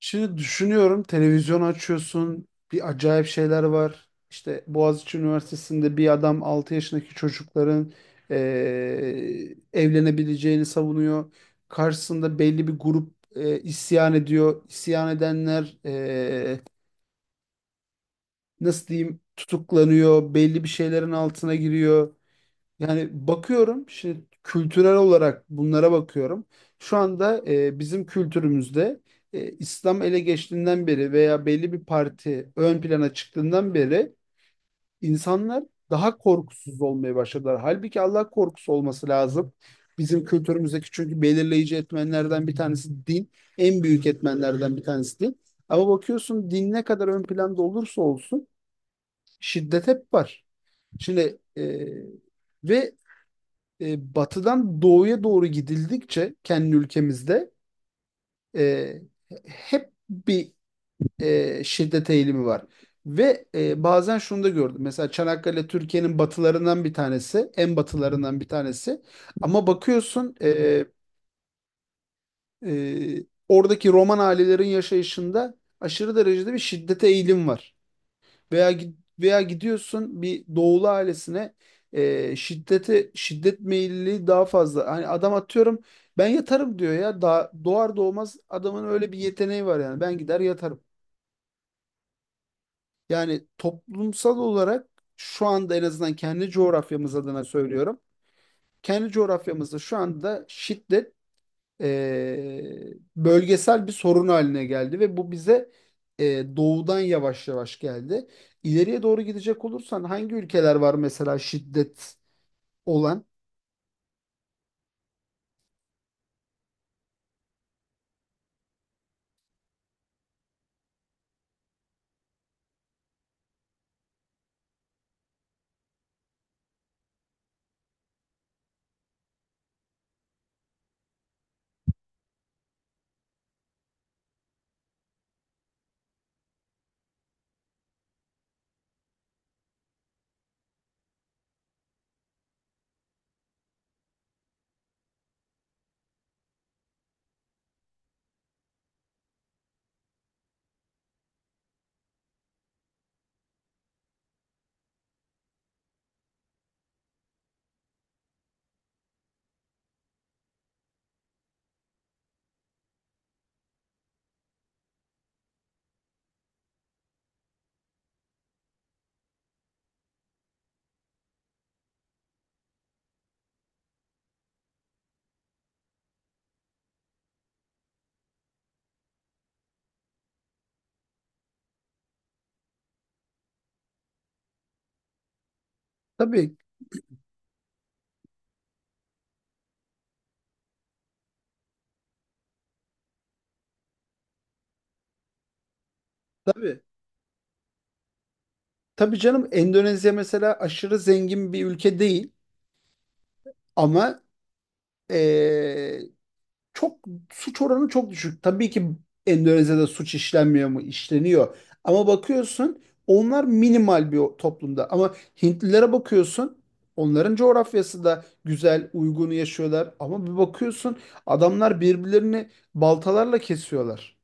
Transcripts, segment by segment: Şimdi düşünüyorum televizyon açıyorsun bir acayip şeyler var. İşte Boğaziçi Üniversitesi'nde bir adam 6 yaşındaki çocukların evlenebileceğini savunuyor. Karşısında belli bir grup isyan ediyor. İsyan edenler nasıl diyeyim tutuklanıyor. Belli bir şeylerin altına giriyor. Yani bakıyorum şimdi kültürel olarak bunlara bakıyorum. Şu anda bizim kültürümüzde İslam ele geçtiğinden beri veya belli bir parti ön plana çıktığından beri insanlar daha korkusuz olmaya başladılar. Halbuki Allah korkusu olması lazım. Bizim kültürümüzdeki çünkü belirleyici etmenlerden bir tanesi din. En büyük etmenlerden bir tanesi din. Ama bakıyorsun din ne kadar ön planda olursa olsun şiddet hep var. Şimdi ve batıdan doğuya doğru gidildikçe kendi ülkemizde e, hep bir şiddet eğilimi var. Ve bazen şunu da gördüm. Mesela Çanakkale Türkiye'nin batılarından bir tanesi, en batılarından bir tanesi. Ama bakıyorsun e, oradaki Roman ailelerin yaşayışında aşırı derecede bir şiddete eğilim var. Veya veya gidiyorsun bir doğulu ailesine şiddete şiddet meyilli daha fazla. Hani adam atıyorum ben yatarım diyor ya. Daha doğar doğmaz adamın öyle bir yeteneği var yani. Ben gider yatarım. Yani toplumsal olarak şu anda en azından kendi coğrafyamız adına söylüyorum. Kendi coğrafyamızda şu anda şiddet bölgesel bir sorun haline geldi ve bu bize doğudan yavaş yavaş geldi. İleriye doğru gidecek olursan hangi ülkeler var mesela şiddet olan? Tabii, tabii. Tabii canım, Endonezya mesela aşırı zengin bir ülke değil ama e, çok suç oranı çok düşük. Tabii ki Endonezya'da suç işlenmiyor mu? İşleniyor. Ama bakıyorsun onlar minimal bir toplumda. Ama Hintlilere bakıyorsun onların coğrafyası da güzel, uygun yaşıyorlar. Ama bir bakıyorsun adamlar birbirlerini baltalarla kesiyorlar.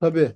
Tabii,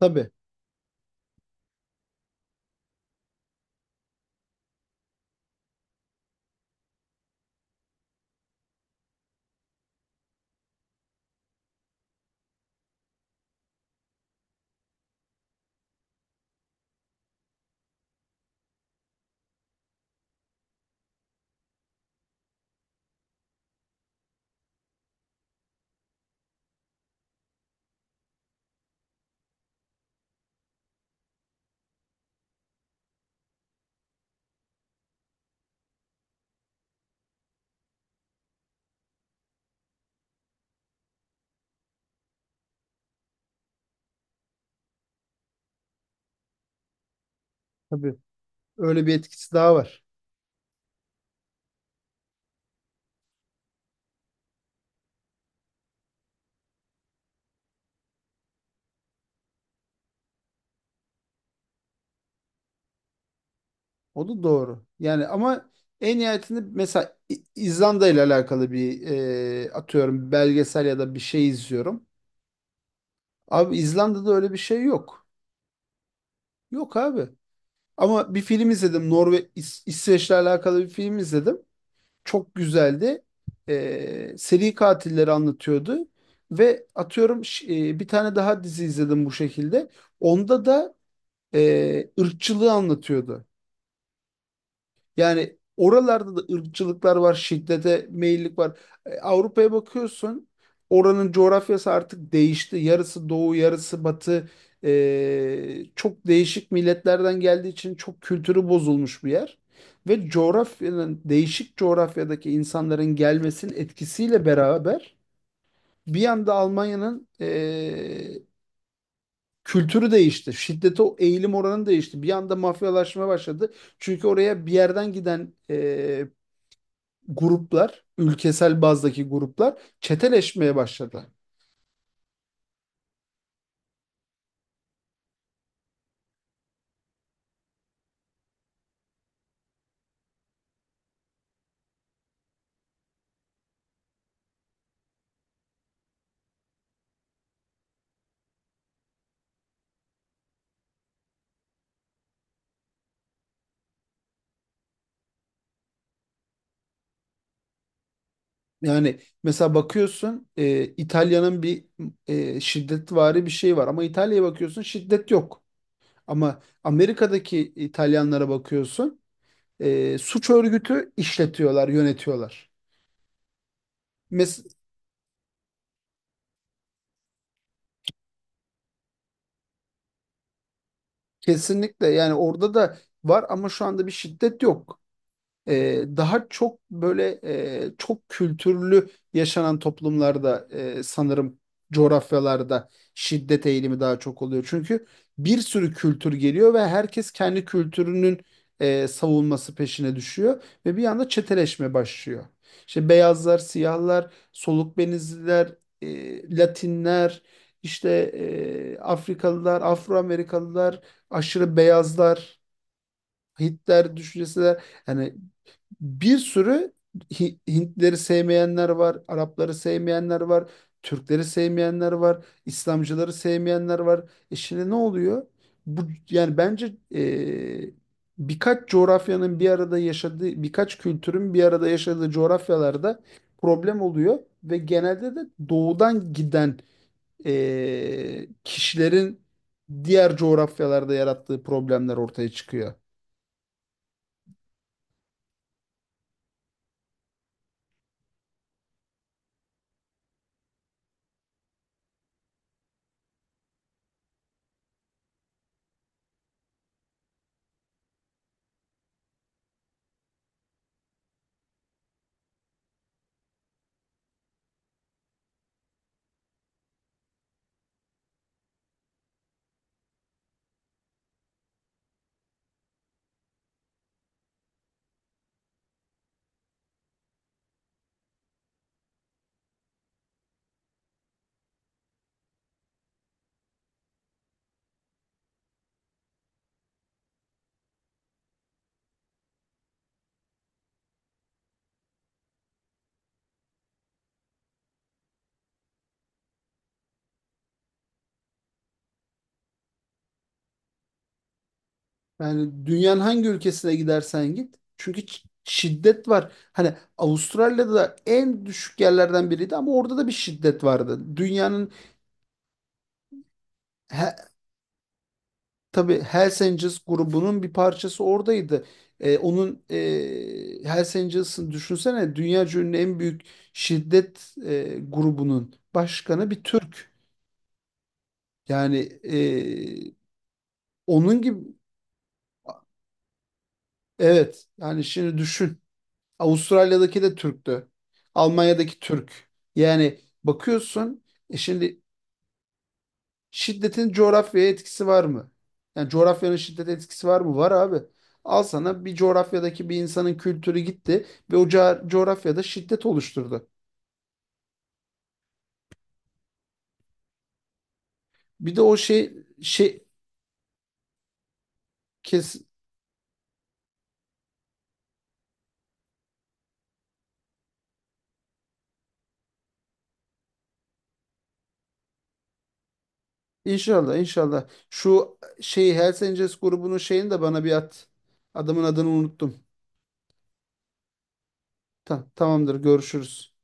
tabii, tabii. Öyle bir etkisi daha var. O da doğru. Yani ama en nihayetinde mesela İzlanda ile alakalı bir atıyorum belgesel ya da bir şey izliyorum. Abi İzlanda'da öyle bir şey yok. Yok abi. Ama bir film izledim. İsveç'le alakalı bir film izledim. Çok güzeldi. Seri katilleri anlatıyordu. Ve atıyorum bir tane daha dizi izledim bu şekilde. Onda da ırkçılığı anlatıyordu. Yani oralarda da ırkçılıklar var, şiddete meyillik var. Avrupa'ya bakıyorsun, oranın coğrafyası artık değişti. Yarısı doğu, yarısı batı. Çok değişik milletlerden geldiği için çok kültürü bozulmuş bir yer. Ve coğrafyanın, değişik coğrafyadaki insanların gelmesinin etkisiyle beraber bir anda Almanya'nın kültürü değişti. Şiddete o eğilim oranı değişti. Bir anda mafyalaşma başladı. Çünkü oraya bir yerden giden gruplar, ülkesel bazdaki gruplar çeteleşmeye başladı. Yani mesela bakıyorsun İtalya'nın bir şiddetvari bir şey var ama İtalya'ya bakıyorsun şiddet yok. Ama Amerika'daki İtalyanlara bakıyorsun suç örgütü işletiyorlar, yönetiyorlar. Mes Kesinlikle yani orada da var ama şu anda bir şiddet yok. Daha çok böyle çok kültürlü yaşanan toplumlarda sanırım coğrafyalarda şiddet eğilimi daha çok oluyor. Çünkü bir sürü kültür geliyor ve herkes kendi kültürünün savunması peşine düşüyor ve bir anda çeteleşme başlıyor. İşte beyazlar, siyahlar, soluk benizliler, Latinler, işte Afrikalılar, Afro Amerikalılar, aşırı beyazlar, Hitler düşüncesi de yani bir sürü Hintleri sevmeyenler var, Arapları sevmeyenler var, Türkleri sevmeyenler var, İslamcıları sevmeyenler var. Şimdi ne oluyor? Bu yani bence birkaç coğrafyanın bir arada yaşadığı, birkaç kültürün bir arada yaşadığı coğrafyalarda problem oluyor ve genelde de doğudan giden kişilerin diğer coğrafyalarda yarattığı problemler ortaya çıkıyor. Yani dünyanın hangi ülkesine gidersen git. Çünkü şiddet var. Hani Avustralya'da da en düşük yerlerden biriydi ama orada da bir şiddet vardı. Dünyanın. He, tabii Hells Angels grubunun bir parçası oradaydı. Onun Hells Angels'ın düşünsene dünya ünlü en büyük şiddet grubunun başkanı bir Türk. Yani e, onun gibi, evet yani şimdi düşün. Avustralya'daki de Türktü. Almanya'daki Türk. Yani bakıyorsun şimdi şiddetin coğrafyaya etkisi var mı? Yani coğrafyanın şiddete etkisi var mı? Var abi. Al sana bir coğrafyadaki bir insanın kültürü gitti ve o coğrafyada şiddet oluşturdu. Bir de o şey, şey kes inşallah, inşallah şu şeyi Hells Angels grubunun şeyini de bana bir at. Adamın adını unuttum. Tamam, tamamdır görüşürüz.